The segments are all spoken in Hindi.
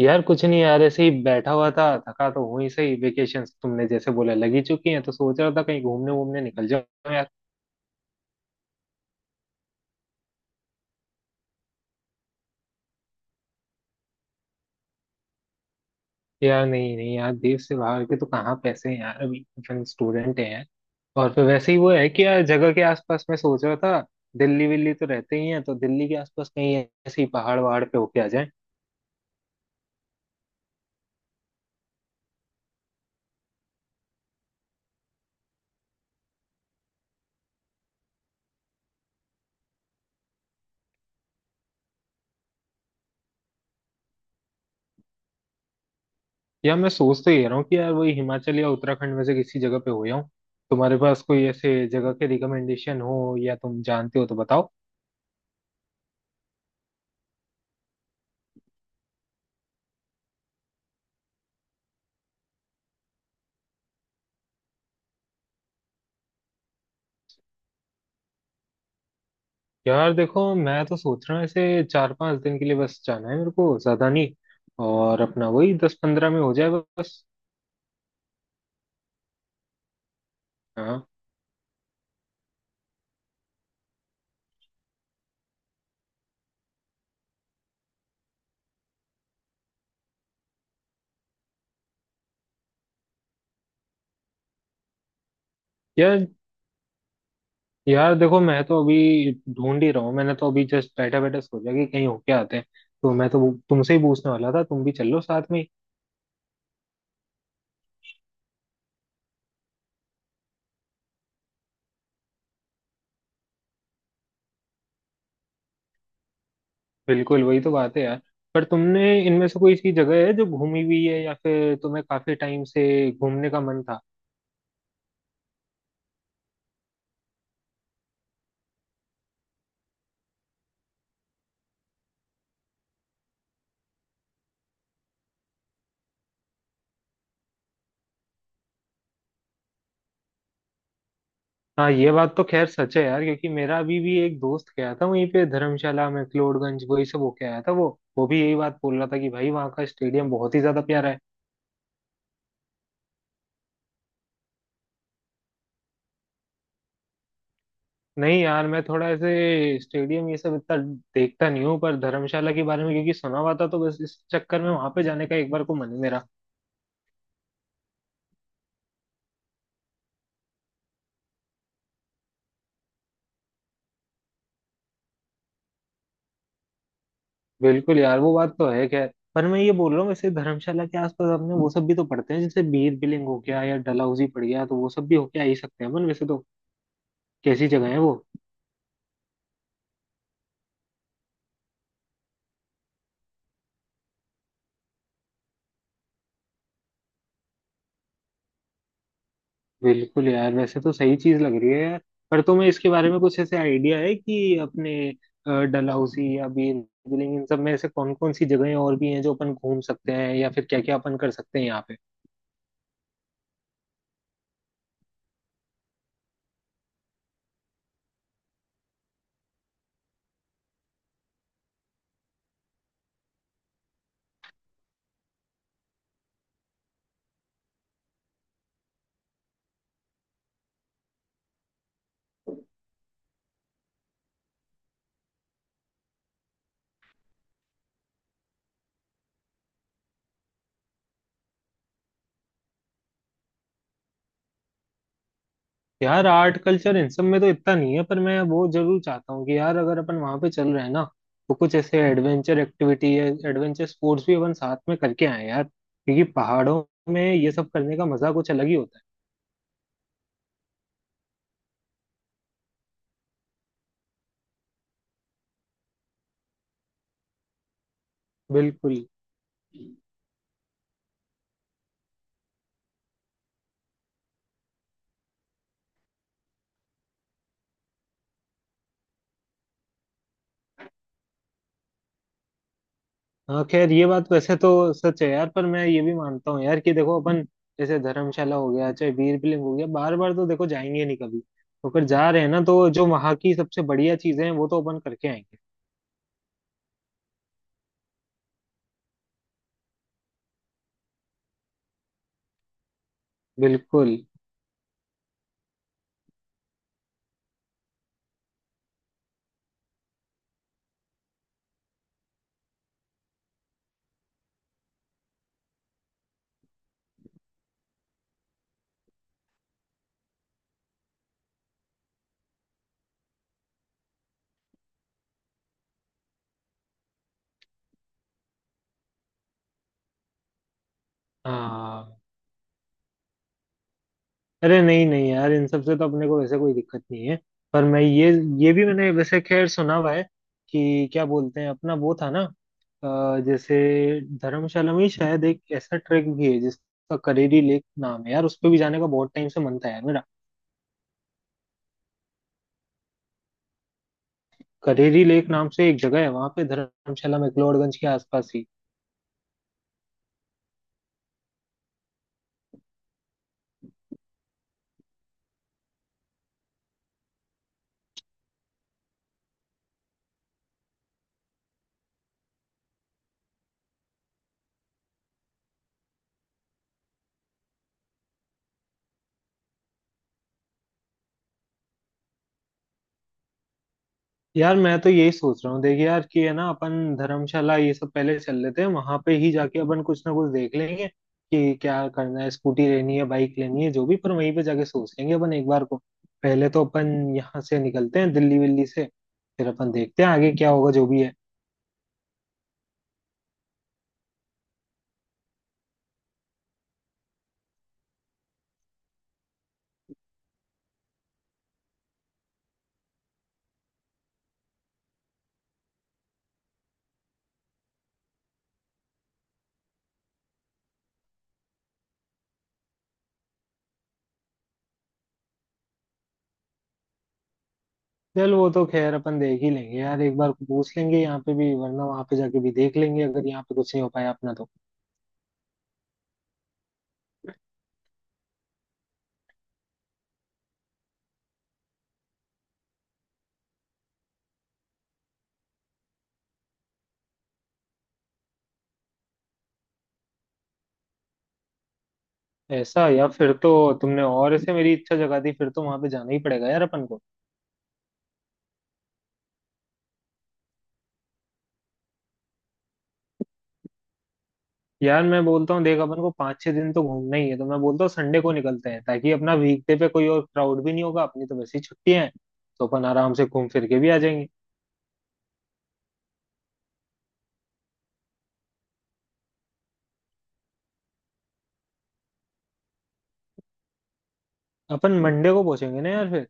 यार कुछ नहीं यार, ऐसे ही बैठा हुआ था। थका तो हूँ ही, सही वेकेशंस तुमने जैसे बोला लगी चुकी हैं, तो सोच रहा था कहीं घूमने वूमने निकल जाओ यार। यार नहीं नहीं यार, देश से बाहर के तो कहाँ पैसे हैं यार, अभी अपन स्टूडेंट हैं यार। और फिर वैसे ही वो है कि यार जगह के आसपास मैं सोच रहा था। दिल्ली विल्ली तो रहते ही हैं, तो दिल्ली के आसपास कहीं ऐसे ही पहाड़ वहाड़ पे होके आ जाए। यार मैं सोच तो ये रहा हूँ कि यार वही हिमाचल या उत्तराखंड में से किसी जगह पे हो जाऊँ। तुम्हारे पास कोई ऐसे जगह के रिकमेंडेशन हो या तुम जानते हो तो बताओ। यार देखो, मैं तो सोच रहा हूँ ऐसे चार पांच दिन के लिए बस जाना है, मेरे को ज्यादा नहीं। और अपना वही दस पंद्रह में हो जाए बस। हाँ। यार, यार देखो मैं तो अभी ढूंढ ही रहा हूँ, मैंने तो अभी जस्ट बैठा बैठा सोचा कि कहीं होके आते हैं। तो मैं तो तुमसे ही पूछने वाला था, तुम भी चलो साथ में ही। बिल्कुल वही तो बात है यार। पर तुमने इनमें से कोई सी जगह है जो घूमी हुई है, या फिर तुम्हें काफी टाइम से घूमने का मन था? हाँ, ये बात तो खैर सच है यार, क्योंकि मेरा अभी भी एक दोस्त गया था वहीं पे, धर्मशाला में क्लोडगंज वही सब होके आया था वो। वो भी यही बात बोल रहा था कि भाई वहाँ का स्टेडियम बहुत ही ज्यादा प्यारा है। नहीं यार, मैं थोड़ा ऐसे स्टेडियम ये सब इतना देखता नहीं हूँ, पर धर्मशाला के बारे में क्योंकि सुना हुआ था तो बस इस चक्कर में वहां पे जाने का एक बार को मन है मेरा। बिल्कुल यार, वो बात तो है खैर, पर मैं ये बोल रहा हूँ वैसे धर्मशाला के आसपास अपने वो सब भी तो पड़ते हैं, जैसे बीर बिलिंग हो गया या डलहौजी पड़ गया, तो वो सब भी होके आ ही सकते हैं अपन वैसे तो। कैसी जगह है वो? बिल्कुल यार, वैसे तो सही चीज लग रही है यार। पर तुम्हें इसके बारे में कुछ ऐसे आइडिया है कि अपने डलहौसी या बीरबिलिंग इन सब में ऐसे कौन कौन सी जगहें और भी हैं जो अपन घूम सकते हैं, या फिर क्या क्या अपन कर सकते हैं यहाँ पे? यार आर्ट कल्चर इन सब में तो इतना नहीं है, पर मैं वो जरूर चाहता हूँ कि यार अगर अपन वहाँ पे चल रहे हैं ना, तो कुछ ऐसे एडवेंचर एक्टिविटी या एडवेंचर स्पोर्ट्स भी अपन साथ में करके आए यार, क्योंकि पहाड़ों में ये सब करने का मजा कुछ अलग ही होता है। बिल्कुल। हाँ खैर, ये बात वैसे तो सच है यार, पर मैं ये भी मानता हूँ यार कि देखो अपन जैसे धर्मशाला हो गया चाहे वीर बिलिंग हो गया, बार बार तो देखो जाएंगे नहीं कभी, तो अगर जा रहे हैं ना तो जो वहाँ की सबसे बढ़िया चीजें हैं वो तो अपन करके आएंगे। बिल्कुल। हाँ, अरे नहीं नहीं यार, इन सब से तो अपने को वैसे कोई दिक्कत नहीं है। पर मैं ये भी मैंने वैसे खैर सुना हुआ है कि क्या बोलते हैं अपना वो था ना, जैसे धर्मशाला में ही शायद एक ऐसा ट्रैक भी है जिसका करेरी लेक नाम है यार, उस पे भी जाने का बहुत टाइम से मन था यार मेरा। करेरी लेक नाम से एक जगह है वहां पे, धर्मशाला मैक्लोडगंज के आसपास ही। यार मैं तो यही सोच रहा हूँ देख यार, कि है ना अपन धर्मशाला ये सब पहले चल लेते हैं, वहां पे ही जाके अपन कुछ ना कुछ देख लेंगे कि क्या करना है, स्कूटी लेनी है बाइक लेनी है जो भी, पर वहीं पे जाके सोच लेंगे अपन एक बार को। पहले तो अपन यहाँ से निकलते हैं दिल्ली विल्ली से, फिर अपन देखते हैं आगे क्या होगा जो भी है। चल वो तो खैर अपन देख ही लेंगे यार, एक बार पूछ लेंगे यहाँ पे भी, वरना वहां पे जाके भी देख लेंगे अगर यहाँ पे कुछ नहीं हो पाया अपना तो। ऐसा? या फिर तो, तुमने और ऐसे मेरी इच्छा जगा दी, फिर तो वहां पे जाना ही पड़ेगा यार अपन को। यार मैं बोलता हूँ देख, अपन को पाँच छह दिन तो घूमना ही है, तो मैं बोलता हूँ संडे को निकलते हैं, ताकि अपना वीकडे पे कोई और क्राउड भी नहीं होगा, अपनी तो वैसे ही छुट्टियां हैं। तो अपन आराम से घूम फिर के भी आ जाएंगे। अपन मंडे को पहुंचेंगे ना यार फिर।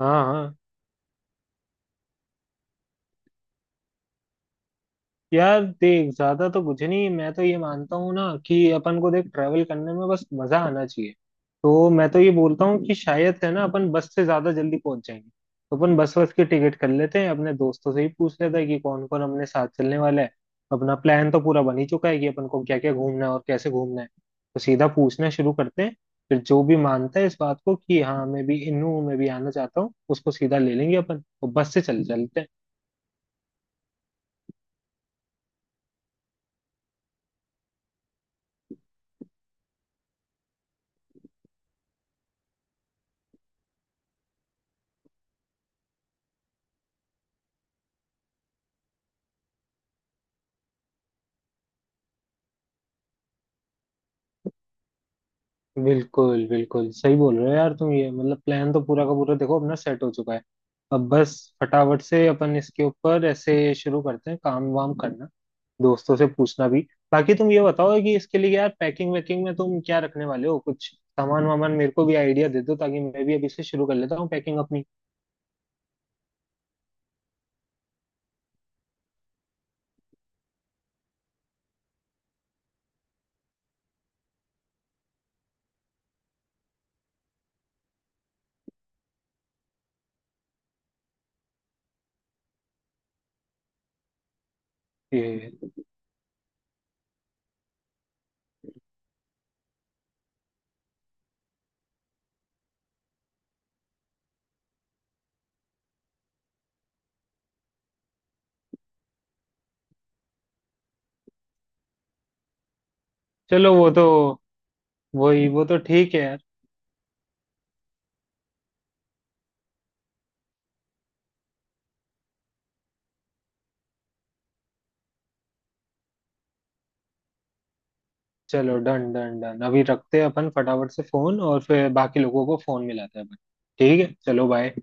हाँ हाँ। यार देख, ज्यादा तो कुछ नहीं, मैं तो ये मानता हूँ ना कि अपन को देख ट्रैवल करने में बस मजा आना चाहिए। तो मैं तो ये बोलता हूँ कि शायद है ना अपन बस से ज्यादा जल्दी पहुंच जाएंगे। तो अपन बस बस की टिकट कर लेते हैं, अपने दोस्तों से ही पूछ लेते हैं कि कौन कौन हमने साथ चलने वाला है। अपना प्लान तो पूरा बन ही चुका है कि अपन को क्या क्या घूमना है और कैसे घूमना है। तो सीधा पूछना शुरू करते हैं। फिर जो भी मानता है इस बात को कि हाँ मैं भी इन हूँ, मैं भी आना चाहता हूँ, उसको सीधा ले लेंगे अपन और बस से चल चलते हैं। बिल्कुल बिल्कुल, सही बोल रहे हो यार तुम। ये मतलब प्लान तो पूरा का पूरा देखो अपना सेट हो चुका है। अब बस फटाफट से अपन इसके ऊपर ऐसे शुरू करते हैं काम वाम करना, दोस्तों से पूछना भी। बाकी तुम ये बताओ कि इसके लिए यार पैकिंग वैकिंग में तुम क्या रखने वाले हो? कुछ सामान वामान मेरे को भी आइडिया दे दो, ताकि मैं भी अभी से शुरू कर लेता हूँ पैकिंग अपनी। ये, चलो वो तो। वही वो तो ठीक है यार। चलो डन डन डन, अभी रखते हैं अपन फटाफट से फोन और फिर बाकी लोगों को फोन मिलाते हैं अपन। ठीक है चलो, बाय।